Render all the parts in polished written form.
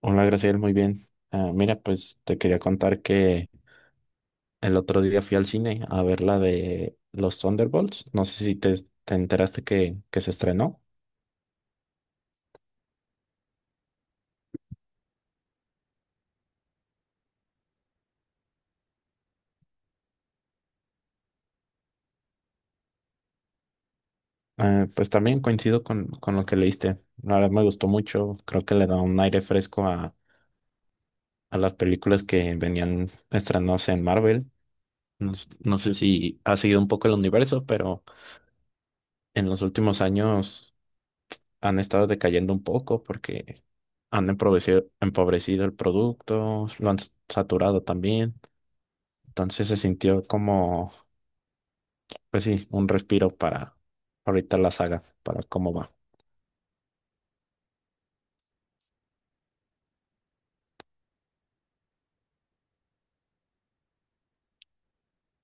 Hola, Graciela, muy bien. Ah, mira, pues te quería contar que el otro día fui al cine a ver la de los Thunderbolts. No sé si te enteraste que se estrenó. Ah, pues también coincido con lo que leíste. La verdad me gustó mucho. Creo que le da un aire fresco a las películas que venían estrenándose en Marvel. No, no sé si ha seguido un poco el universo, pero en los últimos años han estado decayendo un poco porque han empobrecido el producto, lo han saturado también. Entonces se sintió como, pues sí, un respiro para ahorita la saga, para cómo va.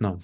No,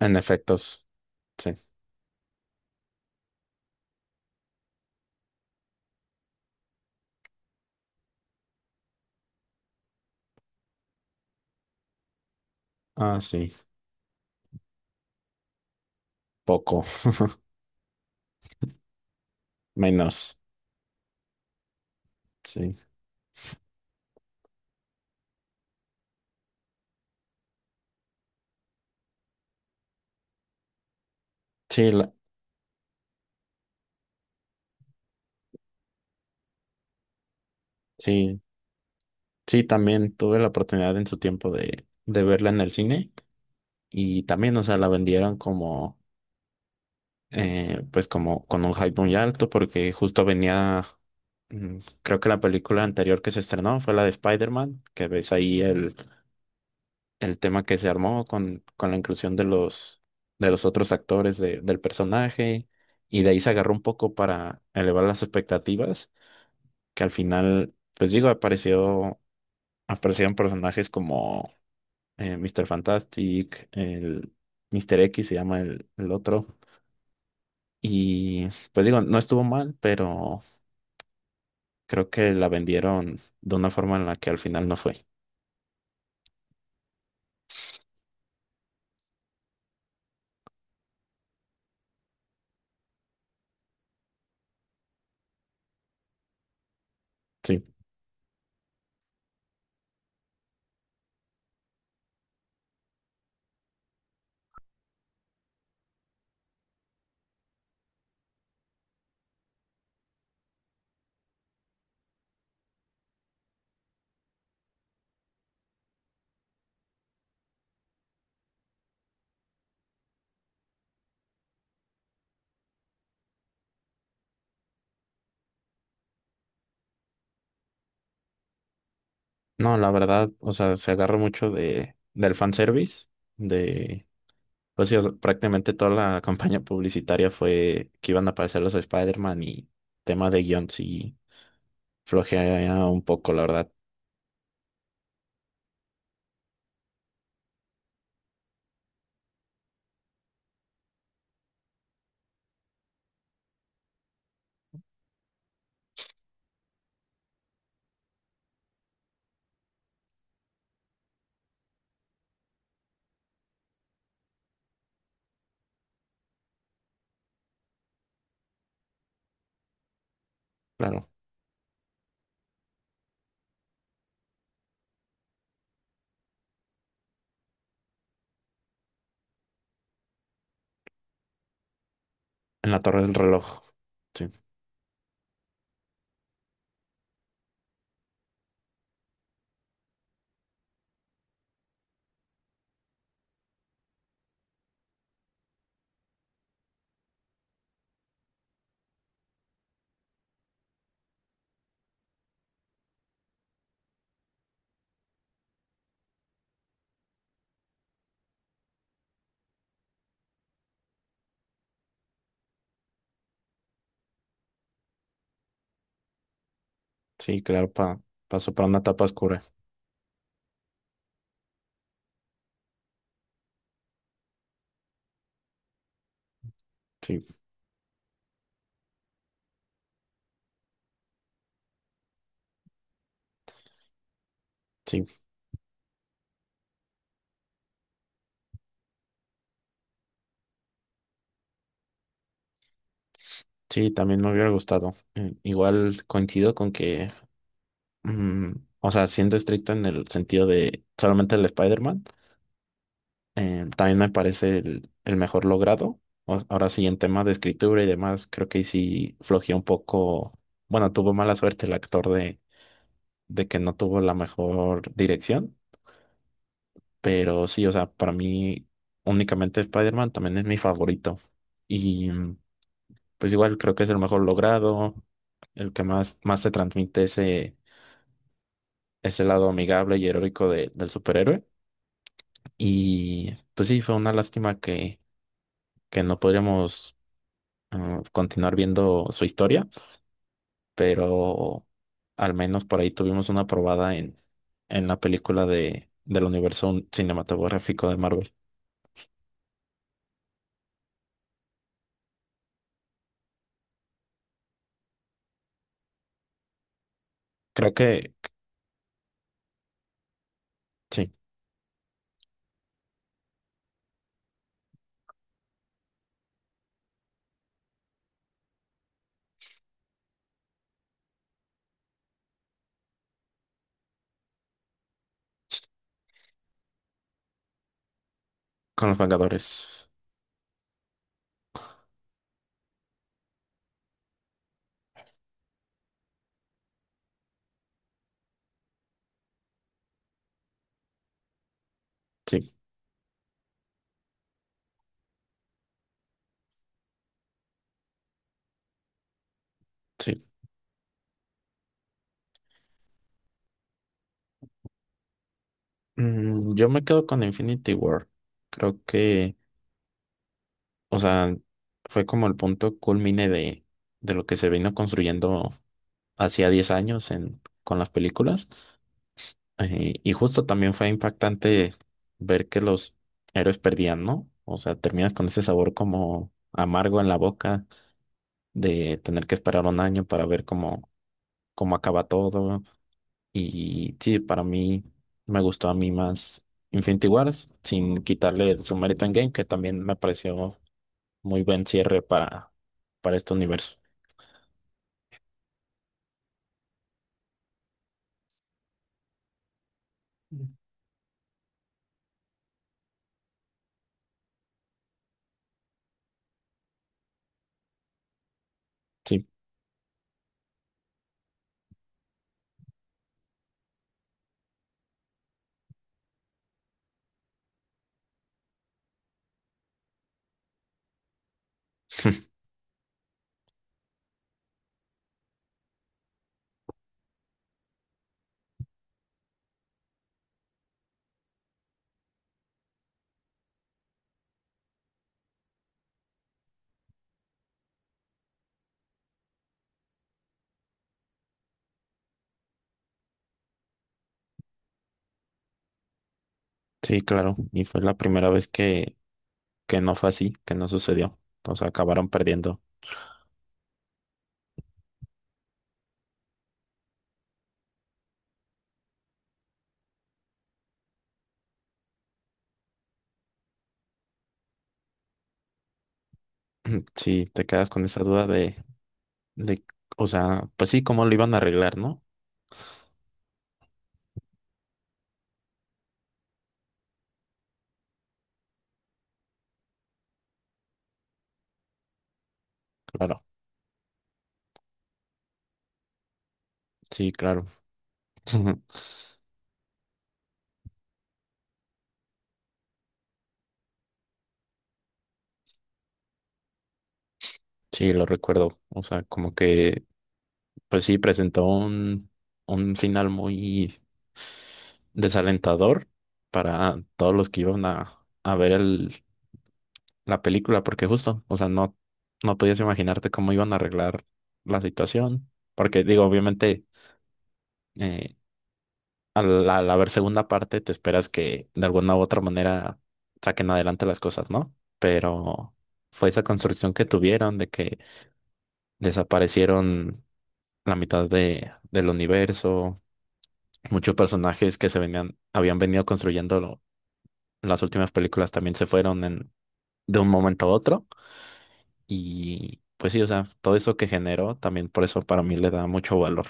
en efectos, sí. Ah, sí, poco, menos, sí. Sí, sí, sí, también tuve la oportunidad en su tiempo de verla en el cine y también, o sea, la vendieron como pues como con un hype muy alto porque justo venía, creo que la película anterior que se estrenó fue la de Spider-Man, que ves ahí el tema que se armó con la inclusión de los otros actores del personaje y de ahí se agarró un poco para elevar las expectativas, que al final, pues digo, apareció, aparecieron personajes como Mr. Fantastic, el Mr. X se llama el otro. Y pues digo, no estuvo mal, pero creo que la vendieron de una forma en la que al final no fue. Sí. No, la verdad, o sea, se agarró mucho del fanservice, de, pues sí, o sea, prácticamente toda la campaña publicitaria fue que iban a aparecer los Spider-Man y tema de guion sí flojea un poco, la verdad. Claro, en la Torre del Reloj. Sí, sí, claro, pa, pasó para una etapa oscura. Sí, sí, sí, también me hubiera gustado. Igual coincido con que mm, o sea, siendo estricto en el sentido de solamente el Spider-Man, también me parece el mejor logrado. Ahora sí, en temas de escritura y demás, creo que ahí sí flojeó un poco. Bueno, tuvo mala suerte el actor de que no tuvo la mejor dirección, pero sí, o sea, para mí únicamente Spider-Man también es mi favorito. Y pues igual creo que es el mejor logrado, el que más, más te transmite ese, ese lado amigable y heroico del superhéroe. Y pues sí, fue una lástima que no podríamos continuar viendo su historia, pero al menos por ahí tuvimos una probada en la película de, del universo cinematográfico de Marvel. Creo que sí, con los Vengadores. Sí, sí. Yo me quedo con Infinity War. Creo que, o sea, fue como el punto culmine de lo que se vino construyendo hacía 10 años en, con las películas. Y justo también fue impactante ver que los héroes perdían, ¿no? O sea, terminas con ese sabor como amargo en la boca de tener que esperar un año para ver cómo, cómo acaba todo. Y sí, para mí me gustó a mí más Infinity Wars sin quitarle su mérito en Game, que también me pareció muy buen cierre para este universo. Sí, sí, claro. Y fue la primera vez que no fue así, que no sucedió. O sea, acabaron perdiendo. Sí, te quedas con esa duda de, o sea, pues sí, cómo lo iban a arreglar, ¿no? Claro, sí, claro. Sí, lo recuerdo. O sea, como que, pues sí, presentó un final muy desalentador para todos los que iban a ver el, la película, porque justo, o sea, no, no podías imaginarte cómo iban a arreglar la situación, porque digo, obviamente, eh, al, al haber segunda parte, te esperas que de alguna u otra manera saquen adelante las cosas, ¿no? Pero fue esa construcción que tuvieron de que desaparecieron la mitad de, del universo, muchos personajes que se venían, habían venido construyendo las últimas películas también se fueron en, de un momento a otro y pues sí, o sea, todo eso que generó también por eso para mí le da mucho valor.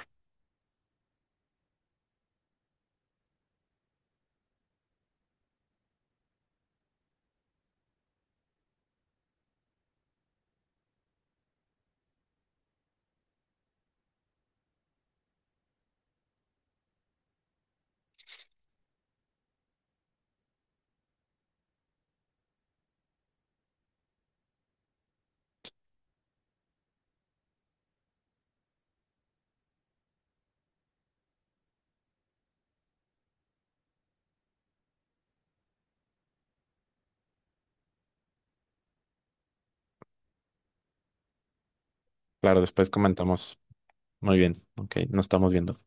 Claro, después comentamos. Muy bien, ok, nos estamos viendo.